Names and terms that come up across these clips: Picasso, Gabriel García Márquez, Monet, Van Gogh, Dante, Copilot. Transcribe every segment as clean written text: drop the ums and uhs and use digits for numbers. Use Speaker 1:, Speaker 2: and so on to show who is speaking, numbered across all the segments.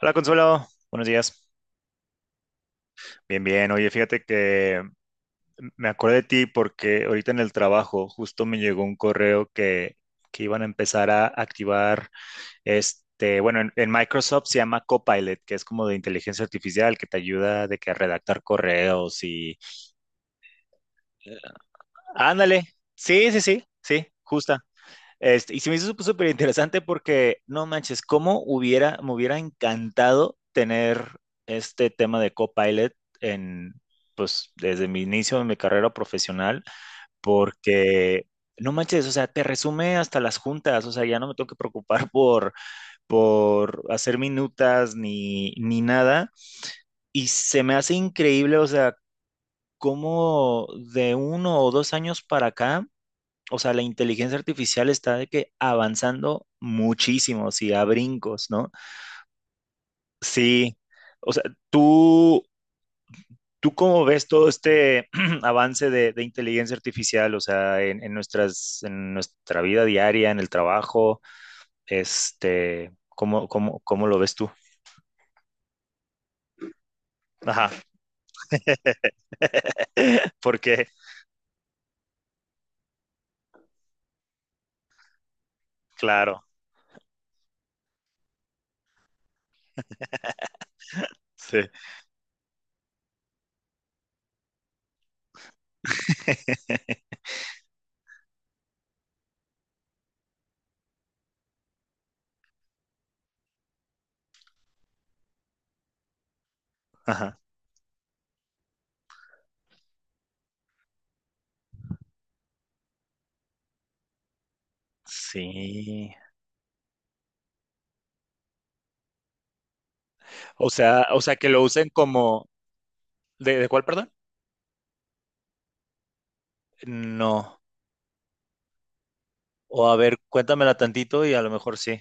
Speaker 1: Hola Consuelo, buenos días. Bien, bien. Oye, fíjate que me acordé de ti porque ahorita en el trabajo justo me llegó un correo que iban a empezar a activar este, bueno, en Microsoft se llama Copilot, que es como de inteligencia artificial que te ayuda de que a redactar correos y... eh, Ándale. Sí, sí, sí, sí, justa. Este, y se me hizo súper interesante porque, no manches, me hubiera encantado tener este tema de Copilot en, pues, desde mi inicio de mi carrera profesional, porque no manches, o sea, te resume hasta las juntas, o sea, ya no me tengo que preocupar por hacer minutas ni nada. Y se me hace increíble, o sea, cómo de 1 o 2 años para acá, o sea, la inteligencia artificial está de que avanzando muchísimo, sí, a brincos, ¿no? Sí, o sea, tú, ¿tú cómo ves todo este avance de inteligencia artificial, o sea, en nuestra vida diaria, en el trabajo, este, ¿cómo lo ves tú? Ajá, porque, claro, sí, ajá, sí. O sea, que lo usen como, ¿de cuál, perdón? No. O a ver, cuéntamela tantito y a lo mejor sí.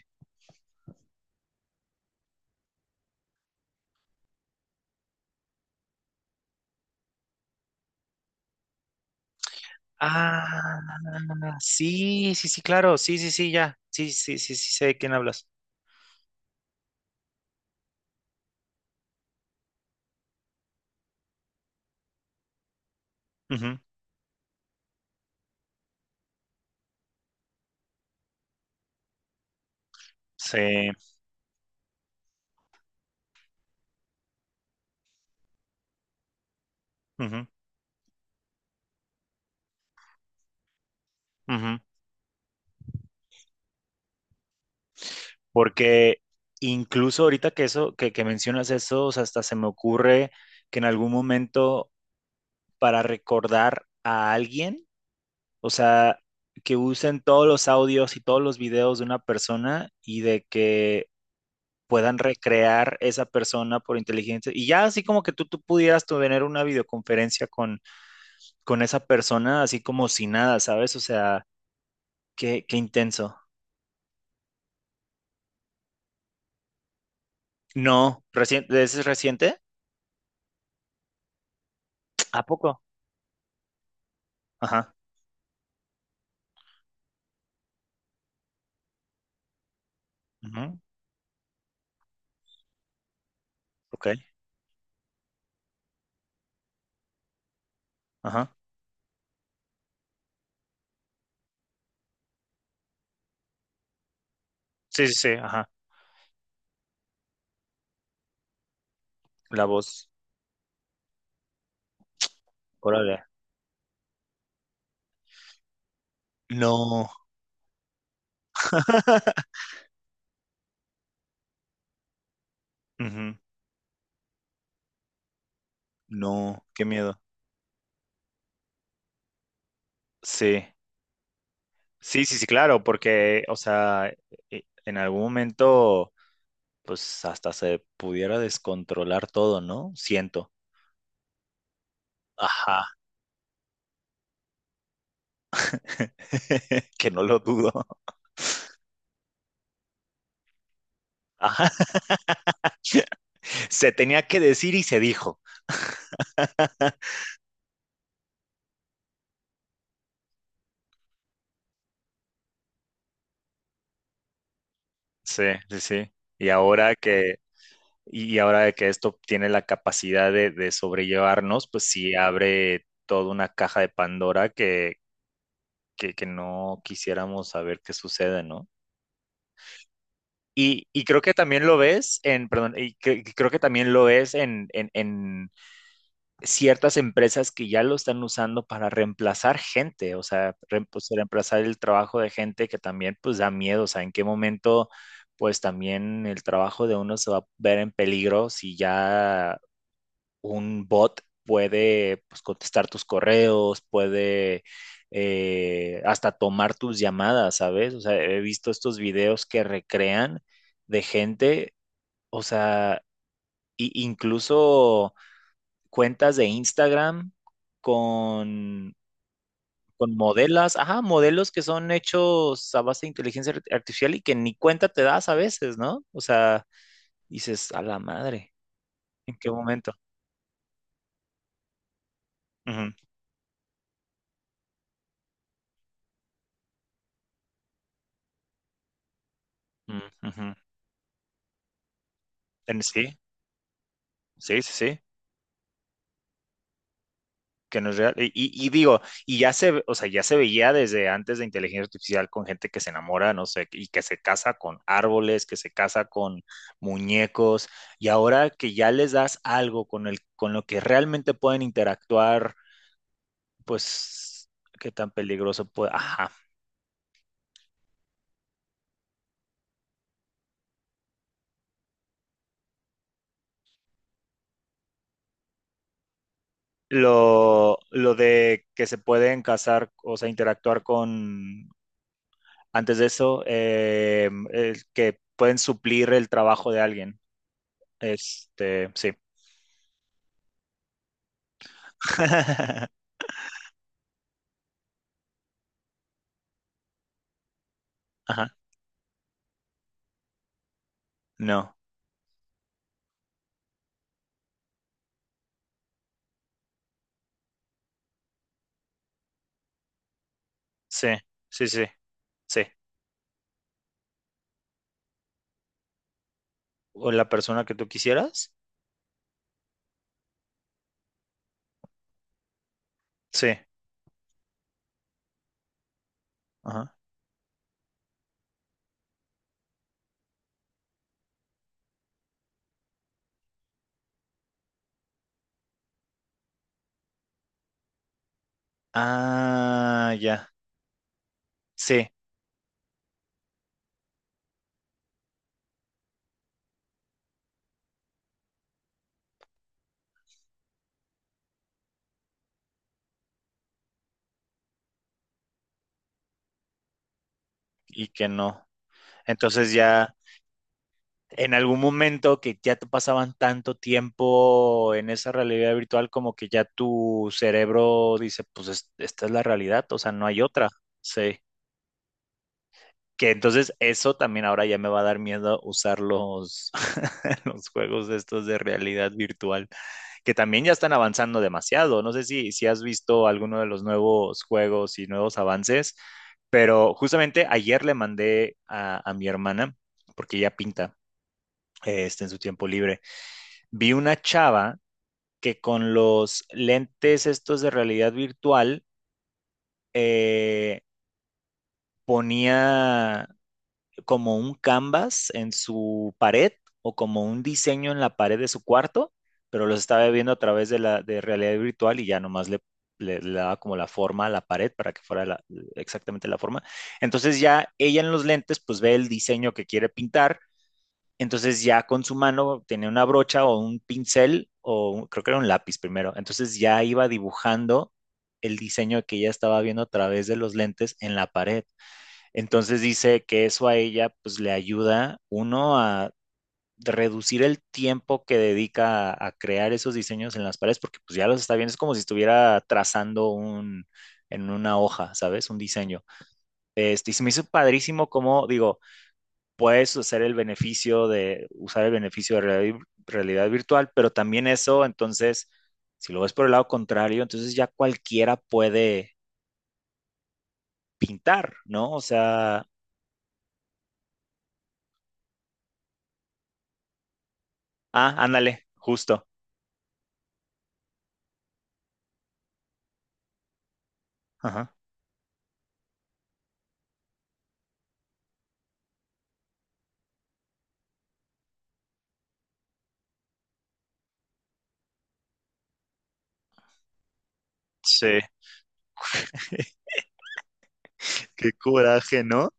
Speaker 1: Ah, sí, sí, sí, claro, sí, sí, sí, ya, sí, sí, sí, sí, sé de quién hablas. Ujú. Sí. Ujú, ujú. Porque incluso ahorita que eso, que mencionas eso, o sea, hasta se me ocurre que en algún momento para recordar a alguien, o sea, que usen todos los audios y todos los videos de una persona y de que puedan recrear esa persona por inteligencia. Y ya así como que tú pudieras tener una videoconferencia con esa persona, así como si nada, ¿sabes? O sea, qué intenso. No, recién, ¿es reciente? ¿A poco? Ajá. Ujú. Ok. Ajá. Sí, sí, sí, ajá. La voz. Órale. No. Ujú. No, qué miedo. Sí, sí, sí, sí, claro, porque, o sea, en algún momento. Pues hasta se pudiera descontrolar todo, ¿no? Siento. Ajá, que no lo dudo. Ajá. Se tenía que decir y se dijo. Sí, sí, sí. Y ahora que, y ahora de que esto tiene la capacidad de sobrellevarnos, pues sí abre toda una caja de Pandora que no quisiéramos saber qué sucede, ¿no? Y creo que también lo ves en, perdón, y creo que también lo ves ciertas empresas que ya lo están usando para reemplazar gente, o sea, reemplazar el trabajo de gente que también pues da miedo, o sea, en qué momento pues también el trabajo de uno se va a ver en peligro si ya un bot puede pues contestar tus correos, puede hasta tomar tus llamadas, ¿sabes? O sea, he visto estos videos que recrean de gente, o sea, incluso cuentas de Instagram con, con modelos, ajá, modelos que son hechos a base de inteligencia artificial y que ni cuenta te das a veces, ¿no? O sea, dices, a la madre, ¿en qué momento? Ujú, mm, ujú. Sí, sí, sí, sí. Que no es real. Y, digo, o sea, ya se veía desde antes de inteligencia artificial con gente que se enamora, no sé, y que se casa con árboles, que se casa con muñecos, y ahora que ya les das algo con el, con lo que realmente pueden interactuar, pues, qué tan peligroso puede, ajá. Lo de que se pueden casar, o sea, interactuar con, antes de eso, que pueden suplir el trabajo de alguien. Este, sí. Ajá, no, sí, sí, sí, sí. ¿O la persona que tú quisieras? Sí, ajá. Ah, ya, sí, y que no. Entonces ya, en algún momento que ya te pasaban tanto tiempo en esa realidad virtual, como que ya tu cerebro dice, pues esta es la realidad, o sea, no hay otra. Sí. Que entonces eso también ahora ya me va a dar miedo usar los juegos estos de realidad virtual, que también ya están avanzando demasiado. No sé si has visto alguno de los nuevos juegos y nuevos avances, pero justamente ayer le mandé a mi hermana, porque ella pinta este, en su tiempo libre, vi una chava que con los lentes estos de realidad virtual eh, ponía como un canvas en su pared o como un diseño en la pared de su cuarto, pero los estaba viendo a través de la de realidad virtual y ya nomás le daba como la forma a la pared para que fuera exactamente la forma. Entonces ya ella en los lentes pues ve el diseño que quiere pintar, entonces ya con su mano tenía una brocha o un pincel creo que era un lápiz primero, entonces ya iba dibujando el diseño que ella estaba viendo a través de los lentes en la pared. Entonces dice que eso a ella pues le ayuda uno a reducir el tiempo que dedica a crear esos diseños en las paredes porque pues ya los está viendo, es como si estuviera trazando un en una hoja, ¿sabes? Un diseño. Este, y se me hizo padrísimo como, digo, puedes hacer el beneficio de, usar el beneficio de realidad virtual, pero también eso, entonces, si lo ves por el lado contrario, entonces ya cualquiera puede pintar, ¿no? O sea, ah, ándale, justo. Ajá. Sí, qué coraje, ¿no?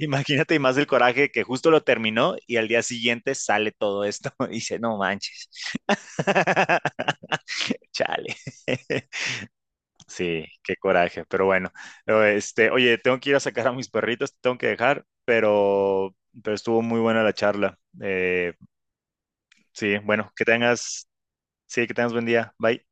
Speaker 1: Imagínate, y más el coraje que justo lo terminó y al día siguiente sale todo esto y dice, no manches. Chale. Sí, qué coraje, pero bueno. Pero, este, oye, tengo que ir a sacar a mis perritos, te tengo que dejar, pero estuvo muy buena la charla. Sí, bueno, sí, que tengas buen día. Bye.